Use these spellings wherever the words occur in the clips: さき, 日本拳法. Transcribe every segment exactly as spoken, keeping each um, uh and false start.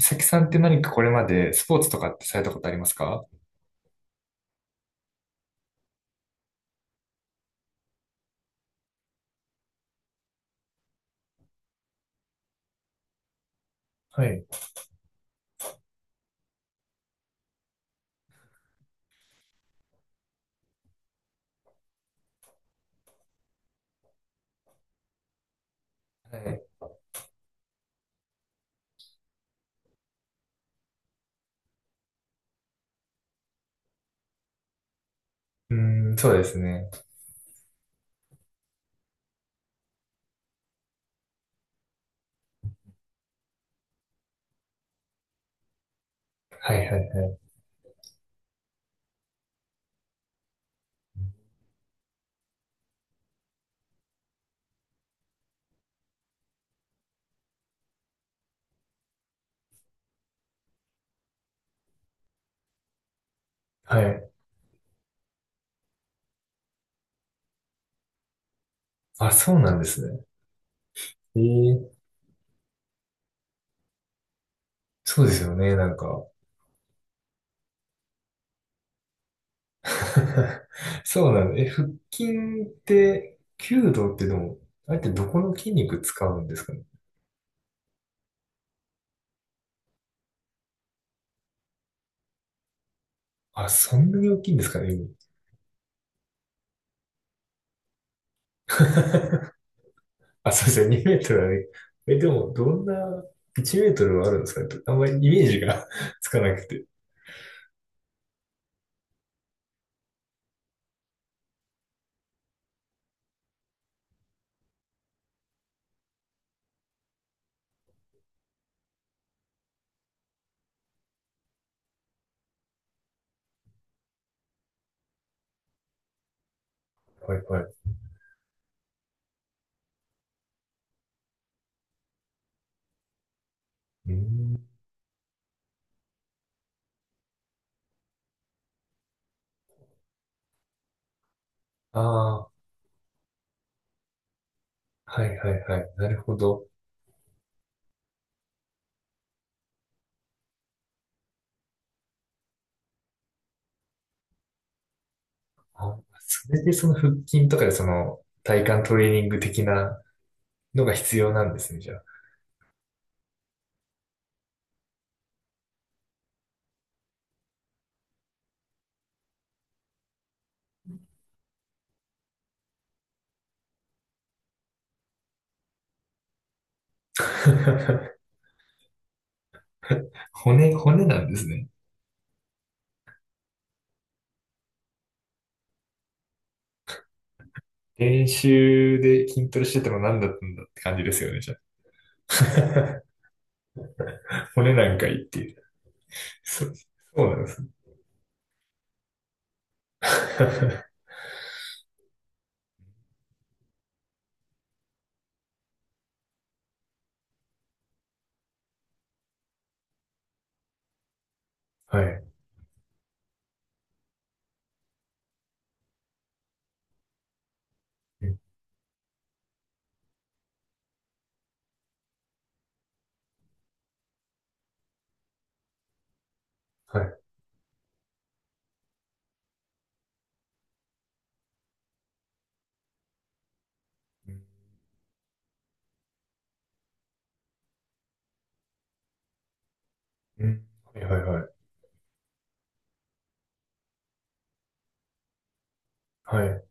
さきさんって何かこれまでスポーツとかってされたことありますか？はい。はい。うーん、そうですね。はいはいはい。はい。あ、そうなんですね。えー、そうですよね、なんか。そうなの。え、腹筋って、弓道ってでも、あれってどこの筋肉使うんですかね。あ、そんなに大きいんですかね、今。あ、そうですよ、にメートルあれ。え、でも、どんな、いちメートルはあるんですかね。あんまりイメージが つかなくて。はいはい。うーん。ああ、はいはいはい。なるほど。あ、それでその腹筋とかでその体幹トレーニング的なのが必要なんですね、じゃあ。骨、骨なんですね。練習で筋トレしてたの何だったんだって感じですよね、じゃあ。骨なんかいいっていう。そう、そうなんですね。はい。うんはい。うんうんはいはいはい。はい。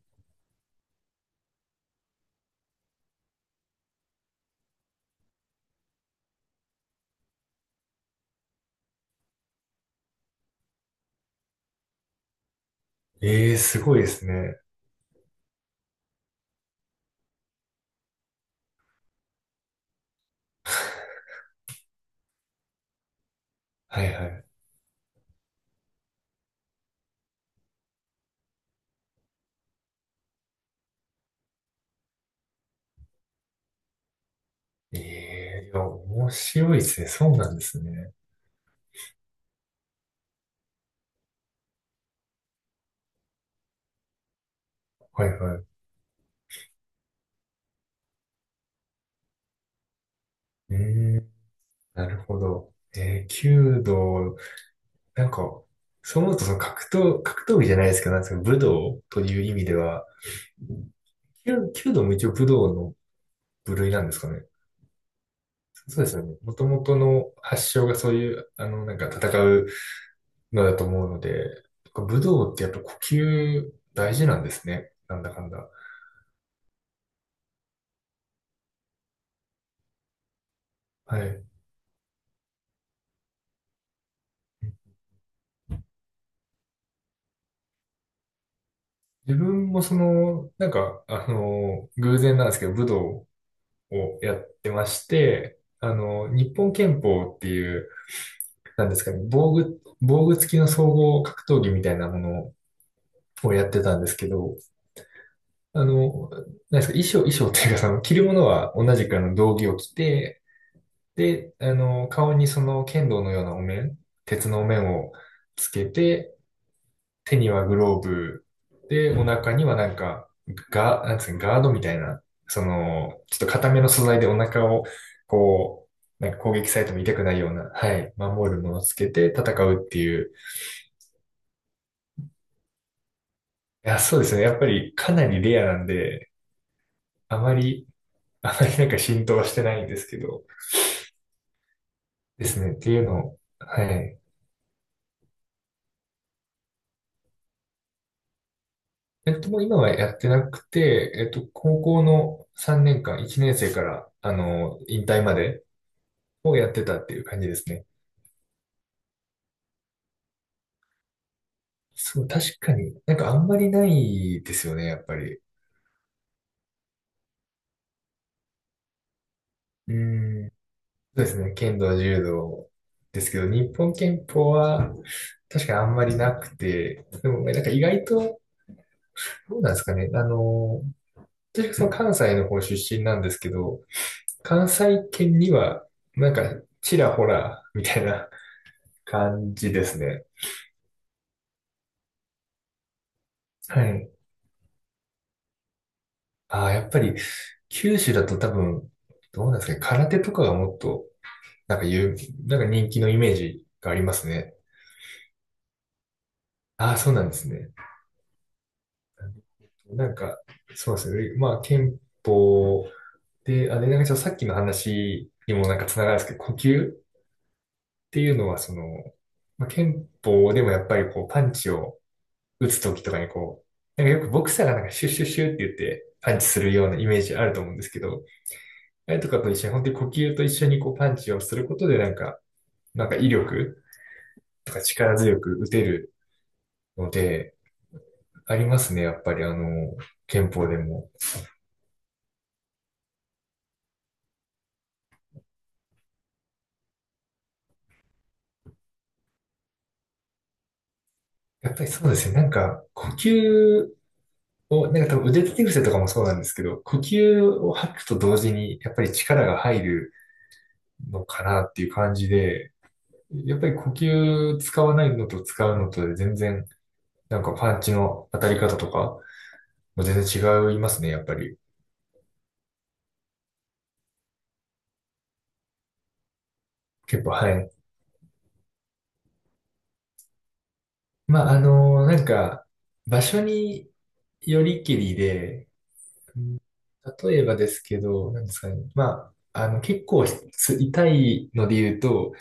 ええ、すごいですね。はいはい。ええ、いや、面白いですね。そうなんですね。はいはい。ええ、なるほど。ええ、弓道、なんか、そう思うと、その格闘、格闘技じゃないですけど、なんですか、武道という意味では、弓、弓道も一応武道の部類なんですかね。そうですよね。もともとの発祥がそういう、あの、なんか戦うのだと思うので、武道ってやっぱ呼吸大事なんですね。なんだかんだ。はい。自分もその、なんか、あの、偶然なんですけど、武道をやってまして、あの、日本拳法っていう、なんですかね、防具、防具付きの総合格闘技みたいなものをやってたんですけど、あの、なんですか、衣装、衣装っていうか、その、着るものは同じくあの、道着を着て、で、あの、顔にその、剣道のようなお面、鉄のお面をつけて、手にはグローブ、で、お腹にはなんか、ガ、なんつうの、ガードみたいな、その、ちょっと硬めの素材でお腹を、こう、なんか攻撃されても痛くないような、はい、守るものをつけて戦うっていう。いや、そうですね。やっぱりかなりレアなんで、あまり、あまりなんか浸透はしてないんですけど、ですね。っていうのを、はい。えっと、もう今はやってなくて、えっと、高校のさんねんかん、いちねん生から、あの、引退までをやってたっていう感じですね。そう、確かに、なんかあんまりないですよね、やっぱり。うん。そうですね、剣道、柔道ですけど、日本拳法は確かにあんまりなくて、でもなんか意外と、どうなんですかね、あの、私はその関西の方出身なんですけど、関西圏には、なんか、ちらほら、みたいな感じですね。はい。ああ、やっぱり、九州だと多分、どうなんですかね、空手とかがもっと、なんか言う、なんか人気のイメージがありますね。ああ、そうなんですね。なんか、そうですね。まあ、憲法で、あれ、なんかちょっとさっきの話にもなんかつながるんですけど、呼吸っていうのは、その、まあ、憲法でもやっぱりこう、パンチを打つときとかにこう、なんかよくボクサーがなんかシュッシュッシュッって言って、パンチするようなイメージあると思うんですけど、あれとかと一緒に、本当に呼吸と一緒にこう、パンチをすることで、なんか、なんか威力とか力強く打てるので、ありますね、やっぱりあの、憲法でも。やっぱりそうですね、なんか、呼吸を、なんか多分腕立て伏せとかもそうなんですけど、呼吸を吐くと同時に、やっぱり力が入るのかなっていう感じで、やっぱり呼吸使わないのと使うのとで全然、なんかパンチの当たり方とか、もう全然違いますね、やっぱり。結構、はい。まあ、あの、なんか、場所によりきりで、例えばですけど、なんですかね。まあ、あの、結構す痛いので言うと、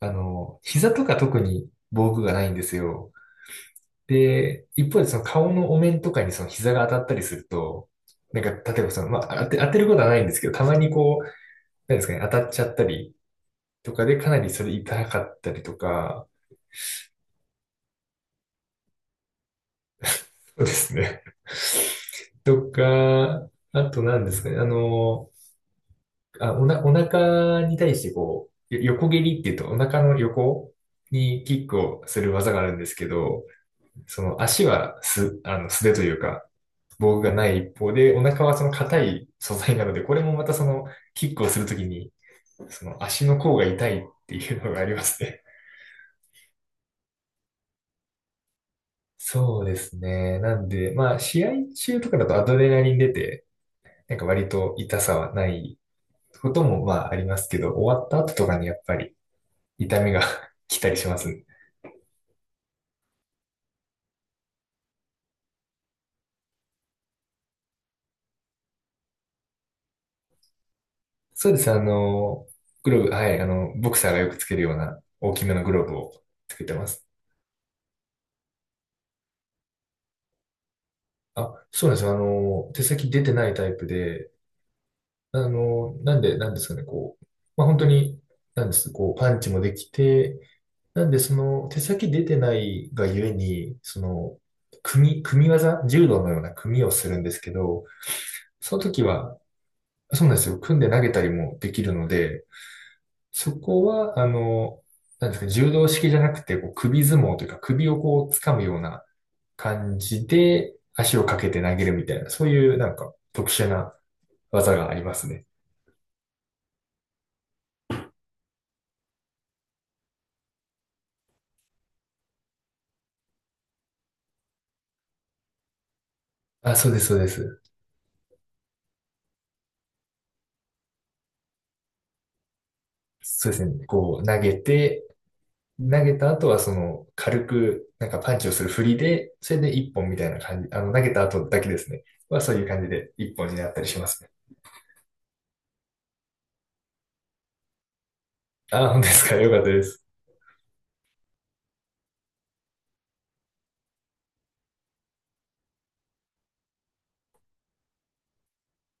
あの、膝とか特に防具がないんですよ。で、一方でその顔のお面とかにその膝が当たったりすると、なんか、例えばその、まあ、当て、当てることはないんですけど、たまにこう、なんですかね、当たっちゃったりとかでかなりそれ痛かったりとか、そうですね。とか、あと何ですかね、あの、あ、おな、お腹に対してこう、よ横蹴りっていうと、お腹の横にキックをする技があるんですけど、その足はす、あの、素手というか、防具がない一方で、お腹はその硬い素材なので、これもまたその、キックをするときに、その足の甲が痛いっていうのがありますね。そうですね。なんで、まあ、試合中とかだとアドレナリン出て、なんか割と痛さはないこともまあありますけど、終わった後とかにやっぱり痛みが 来たりしますね。そうです。あの、グローブ、はい、あの、ボクサーがよくつけるような大きめのグローブをつけてます。あ、そうなんですよ。あの、手先出てないタイプで、あの、なんで、なんですかね、こう、まあ、本当に、なんです、こう、パンチもできて、なんで、その、手先出てないがゆえに、その、組み、組み技、柔道のような組みをするんですけど、その時は、そうなんですよ。組んで投げたりもできるので、そこは、あの、なんですか、柔道式じゃなくて、こう首相撲というか、首をこう掴むような感じで、足をかけて投げるみたいな、そういうなんか特殊な技がありますね。あ、そうです、そうです。そうですね。こう、投げて、投げた後はその、軽く、なんかパンチをする振りで、それで一本みたいな感じ、あの、投げた後だけですね。は、そういう感じで一本になったりしますね。あ、本当ですか。よかったです。